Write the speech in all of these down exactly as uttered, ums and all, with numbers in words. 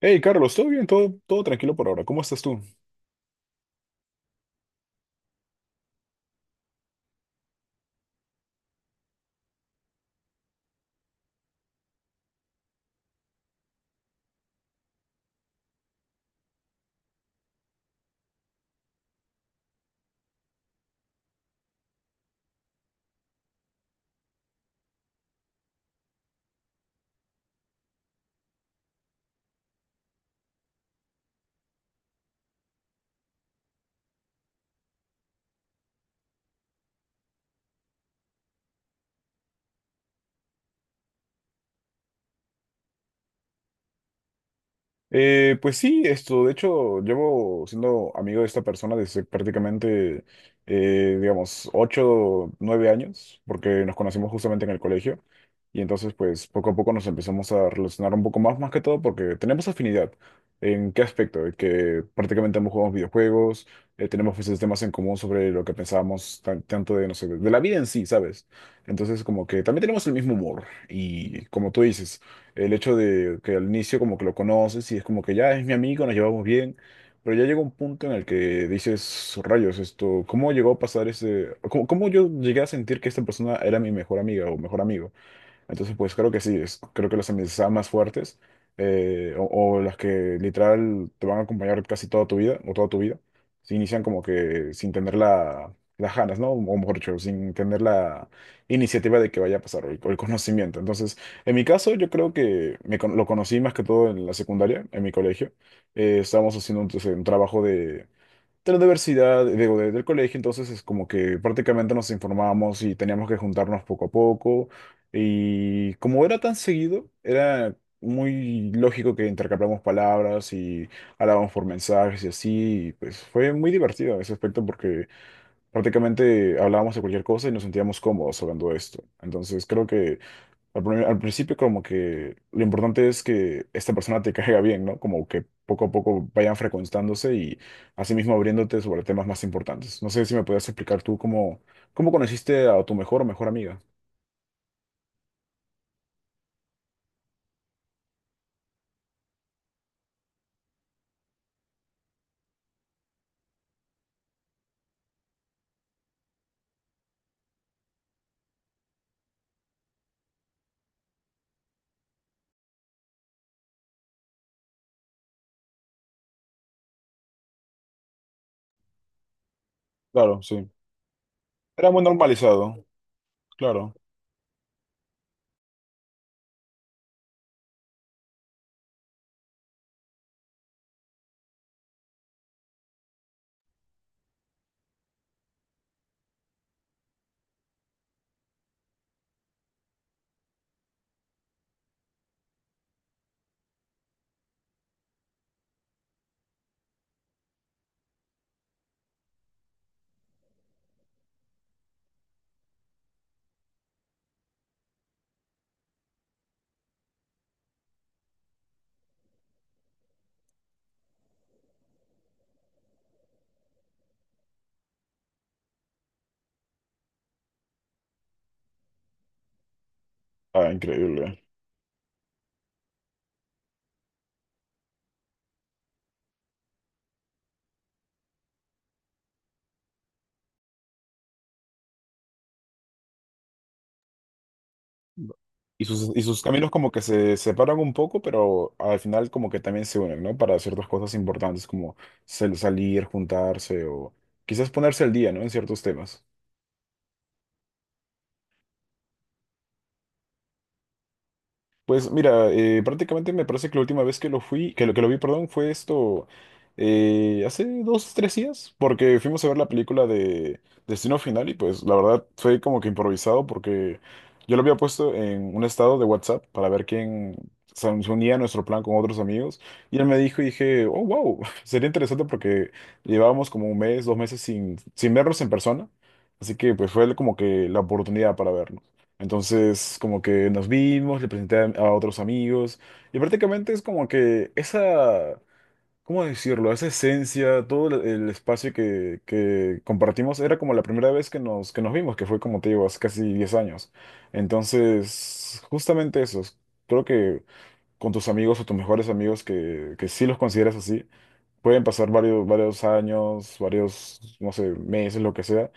Hey, Carlos, ¿todo bien? ¿Todo, todo tranquilo por ahora? ¿Cómo estás tú? Eh, pues sí, esto, de hecho, llevo siendo amigo de esta persona desde prácticamente, eh, digamos, ocho, nueve años, porque nos conocimos justamente en el colegio, y entonces, pues, poco a poco nos empezamos a relacionar un poco más, más que todo, porque tenemos afinidad. ¿En qué aspecto? En que prácticamente ambos jugamos videojuegos. Eh, tenemos, pues, este, temas en común sobre lo que pensábamos, tan- tanto de, no sé, de de la vida en sí, ¿sabes? Entonces, como que también tenemos el mismo humor, y como tú dices, el hecho de que al inicio como que lo conoces y es como que ya es mi amigo, nos llevamos bien, pero ya llega un punto en el que dices, rayos, esto, ¿cómo llegó a pasar ese, cómo, cómo yo llegué a sentir que esta persona era mi mejor amiga o mejor amigo? Entonces, pues creo que sí, es- creo que las amistades más fuertes, eh, o, o las que literal te van a acompañar casi toda tu vida o toda tu vida, se inician como que sin tener la, las ganas, ¿no? O mejor dicho, sin tener la iniciativa de que vaya a pasar o el, o el conocimiento. Entonces, en mi caso, yo creo que me con- lo conocí más que todo en la secundaria, en mi colegio. Eh, estábamos haciendo, entonces, un trabajo de la universidad, digo, de- del colegio. Entonces es como que prácticamente nos informábamos y teníamos que juntarnos poco a poco. Y como era tan seguido, era muy lógico que intercambiamos palabras y hablábamos por mensajes y así. Y, pues, fue muy divertido en ese aspecto porque prácticamente hablábamos de cualquier cosa y nos sentíamos cómodos hablando de esto. Entonces creo que al, pri- al principio como que lo importante es que esta persona te caiga bien, ¿no? Como que poco a poco vayan frecuentándose y asimismo abriéndote sobre temas más importantes. No sé si me podías explicar tú cómo, cómo conociste a tu mejor o mejor amiga. Claro, sí. Era muy normalizado, claro. Ah, increíble. Y sus, y sus caminos como que se separan un poco, pero al final como que también se unen, ¿no? Para ciertas cosas importantes como sal- salir, juntarse o quizás ponerse al día, ¿no? En ciertos temas. Pues mira, eh, prácticamente me parece que la última vez que lo fui, que lo que lo vi, perdón, fue esto, eh, hace dos, tres días, porque fuimos a ver la película de Destino Final y, pues, la verdad fue como que improvisado porque yo lo había puesto en un estado de WhatsApp para ver quién se se unía a nuestro plan con otros amigos y él me dijo y dije, oh, wow, sería interesante porque llevábamos como un mes, dos meses sin, sin verlos en persona, así que pues fue como que la oportunidad para verlo. Entonces, como que nos vimos, le presenté a, a otros amigos y prácticamente es como que esa, ¿cómo decirlo? Esa esencia, todo el el espacio que, que compartimos era como la primera vez que nos, que nos vimos, que fue, como te digo, hace casi diez años. Entonces, justamente eso, es- creo que con tus amigos o tus mejores amigos que, que sí los consideras así, pueden pasar varios, varios años, varios, no sé, meses, lo que sea,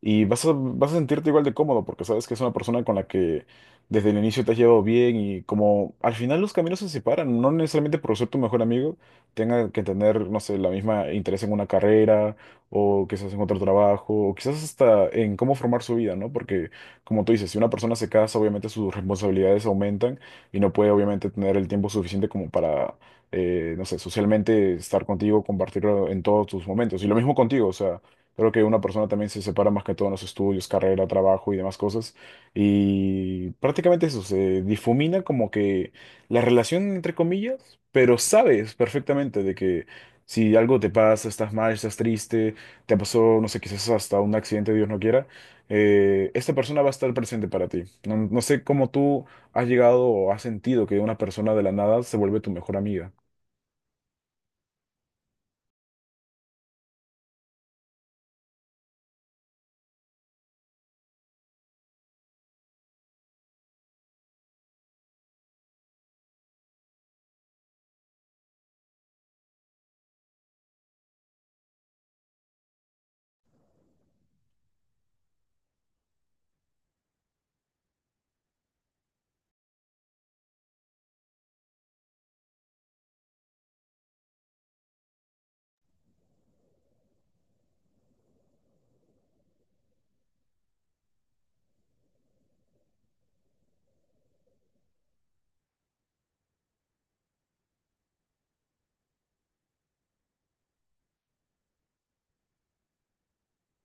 y vas a, vas a sentirte igual de cómodo porque sabes que es una persona con la que desde el inicio te has llevado bien y como al final los caminos se separan, no necesariamente por ser tu mejor amigo tenga que tener, no sé, la misma interés en una carrera o quizás en otro trabajo o quizás hasta en cómo formar su vida, ¿no? Porque, como tú dices, si una persona se casa, obviamente sus responsabilidades aumentan y no puede obviamente tener el tiempo suficiente como para, eh, no sé, socialmente estar contigo, compartirlo en todos tus momentos. Y lo mismo contigo, o sea... Creo que una persona también se separa más que todo en los estudios, carrera, trabajo y demás cosas. Y prácticamente eso, se difumina como que la relación, entre comillas, pero sabes perfectamente de que si algo te pasa, estás mal, estás triste, te pasó, no sé, quizás hasta un accidente, Dios no quiera, eh, esta persona va a estar presente para ti. No, no sé cómo tú has llegado o has sentido que una persona de la nada se vuelve tu mejor amiga.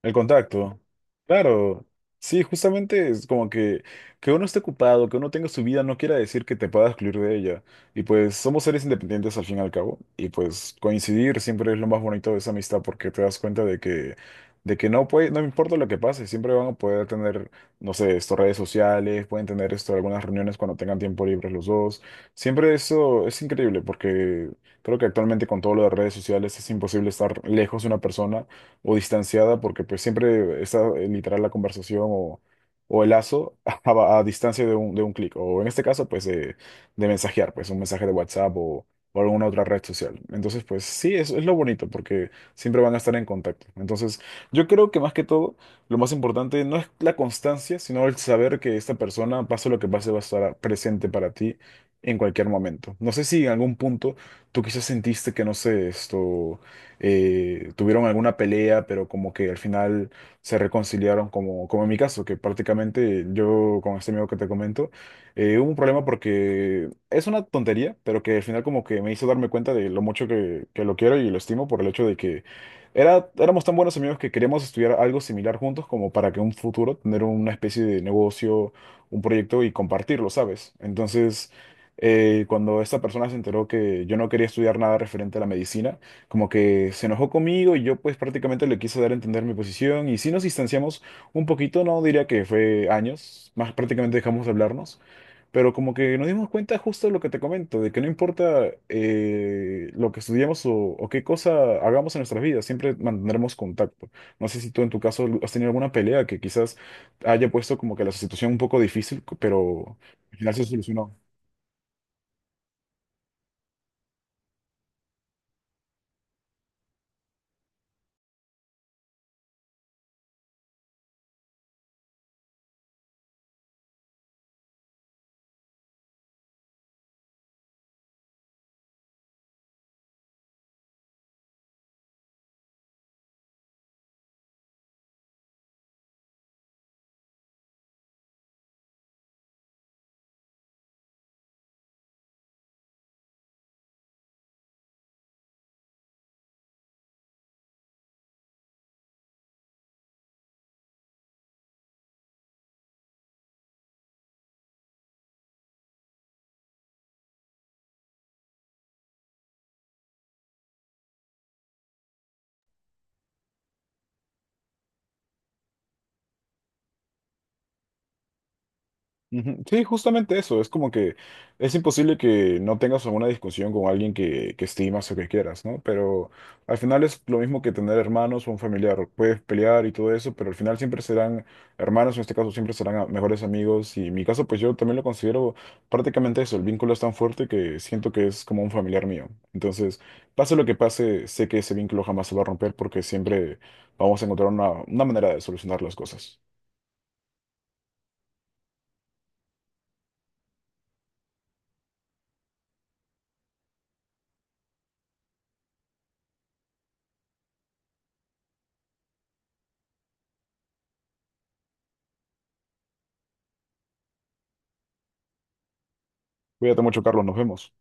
El contacto. Claro. Sí, justamente es como que que uno esté ocupado, que uno tenga su vida, no quiera decir que te pueda excluir de ella. Y, pues, somos seres independientes al fin y al cabo. Y, pues, coincidir siempre es lo más bonito de esa amistad porque te das cuenta de que, de que no puede, no importa lo que pase, siempre van a poder tener, no sé, esto, redes sociales, pueden tener esto, algunas reuniones cuando tengan tiempo libre los dos. Siempre eso es increíble porque creo que actualmente con todo lo de redes sociales es imposible estar lejos de una persona o distanciada, porque pues siempre está, eh, literal, la conversación o, o el lazo a, a distancia de un, de un clic, o en este caso, pues, de, de mensajear, pues un mensaje de WhatsApp o, o alguna otra red social. Entonces, pues sí, es, es lo bonito, porque siempre van a estar en contacto. Entonces yo creo que más que todo, lo más importante no es la constancia, sino el saber que esta persona, pase lo que pase, va a estar presente para ti en cualquier momento. No sé si en algún punto tú quizás sentiste que, no sé, esto, eh, tuvieron alguna pelea, pero como que al final se reconciliaron, como, como en mi caso, que prácticamente yo con este amigo que te comento, eh, hubo un problema porque es una tontería, pero que al final como que me hizo darme cuenta de lo mucho que, que lo quiero y lo estimo por el hecho de que era, éramos tan buenos amigos que queríamos estudiar algo similar juntos como para que en un futuro tener una especie de negocio, un proyecto y compartirlo, ¿sabes? Entonces... eh, Cuando esta persona se enteró que yo no quería estudiar nada referente a la medicina, como que se enojó conmigo y yo, pues, prácticamente le quise dar a entender mi posición y sí nos distanciamos un poquito, no diría que fue años, más prácticamente dejamos de hablarnos, pero como que nos dimos cuenta justo de lo que te comento, de que no importa, eh, lo que estudiamos o, o qué cosa hagamos en nuestras vidas, siempre mantendremos contacto. No sé si tú en tu caso has tenido alguna pelea que quizás haya puesto como que la situación un poco difícil, pero al final se solucionó. Ujú. Sí, justamente eso. Es como que es imposible que no tengas alguna discusión con alguien que, que estimas o que quieras, ¿no? Pero al final es lo mismo que tener hermanos o un familiar. Puedes pelear y todo eso, pero al final siempre serán hermanos, en este caso siempre serán a- mejores amigos. Y en mi caso, pues yo también lo considero prácticamente eso. El vínculo es tan fuerte que siento que es como un familiar mío. Entonces, pase lo que pase, sé que ese vínculo jamás se va a romper porque siempre vamos a encontrar una, una manera de solucionar las cosas. Cuídate mucho, Carlos. Nos vemos.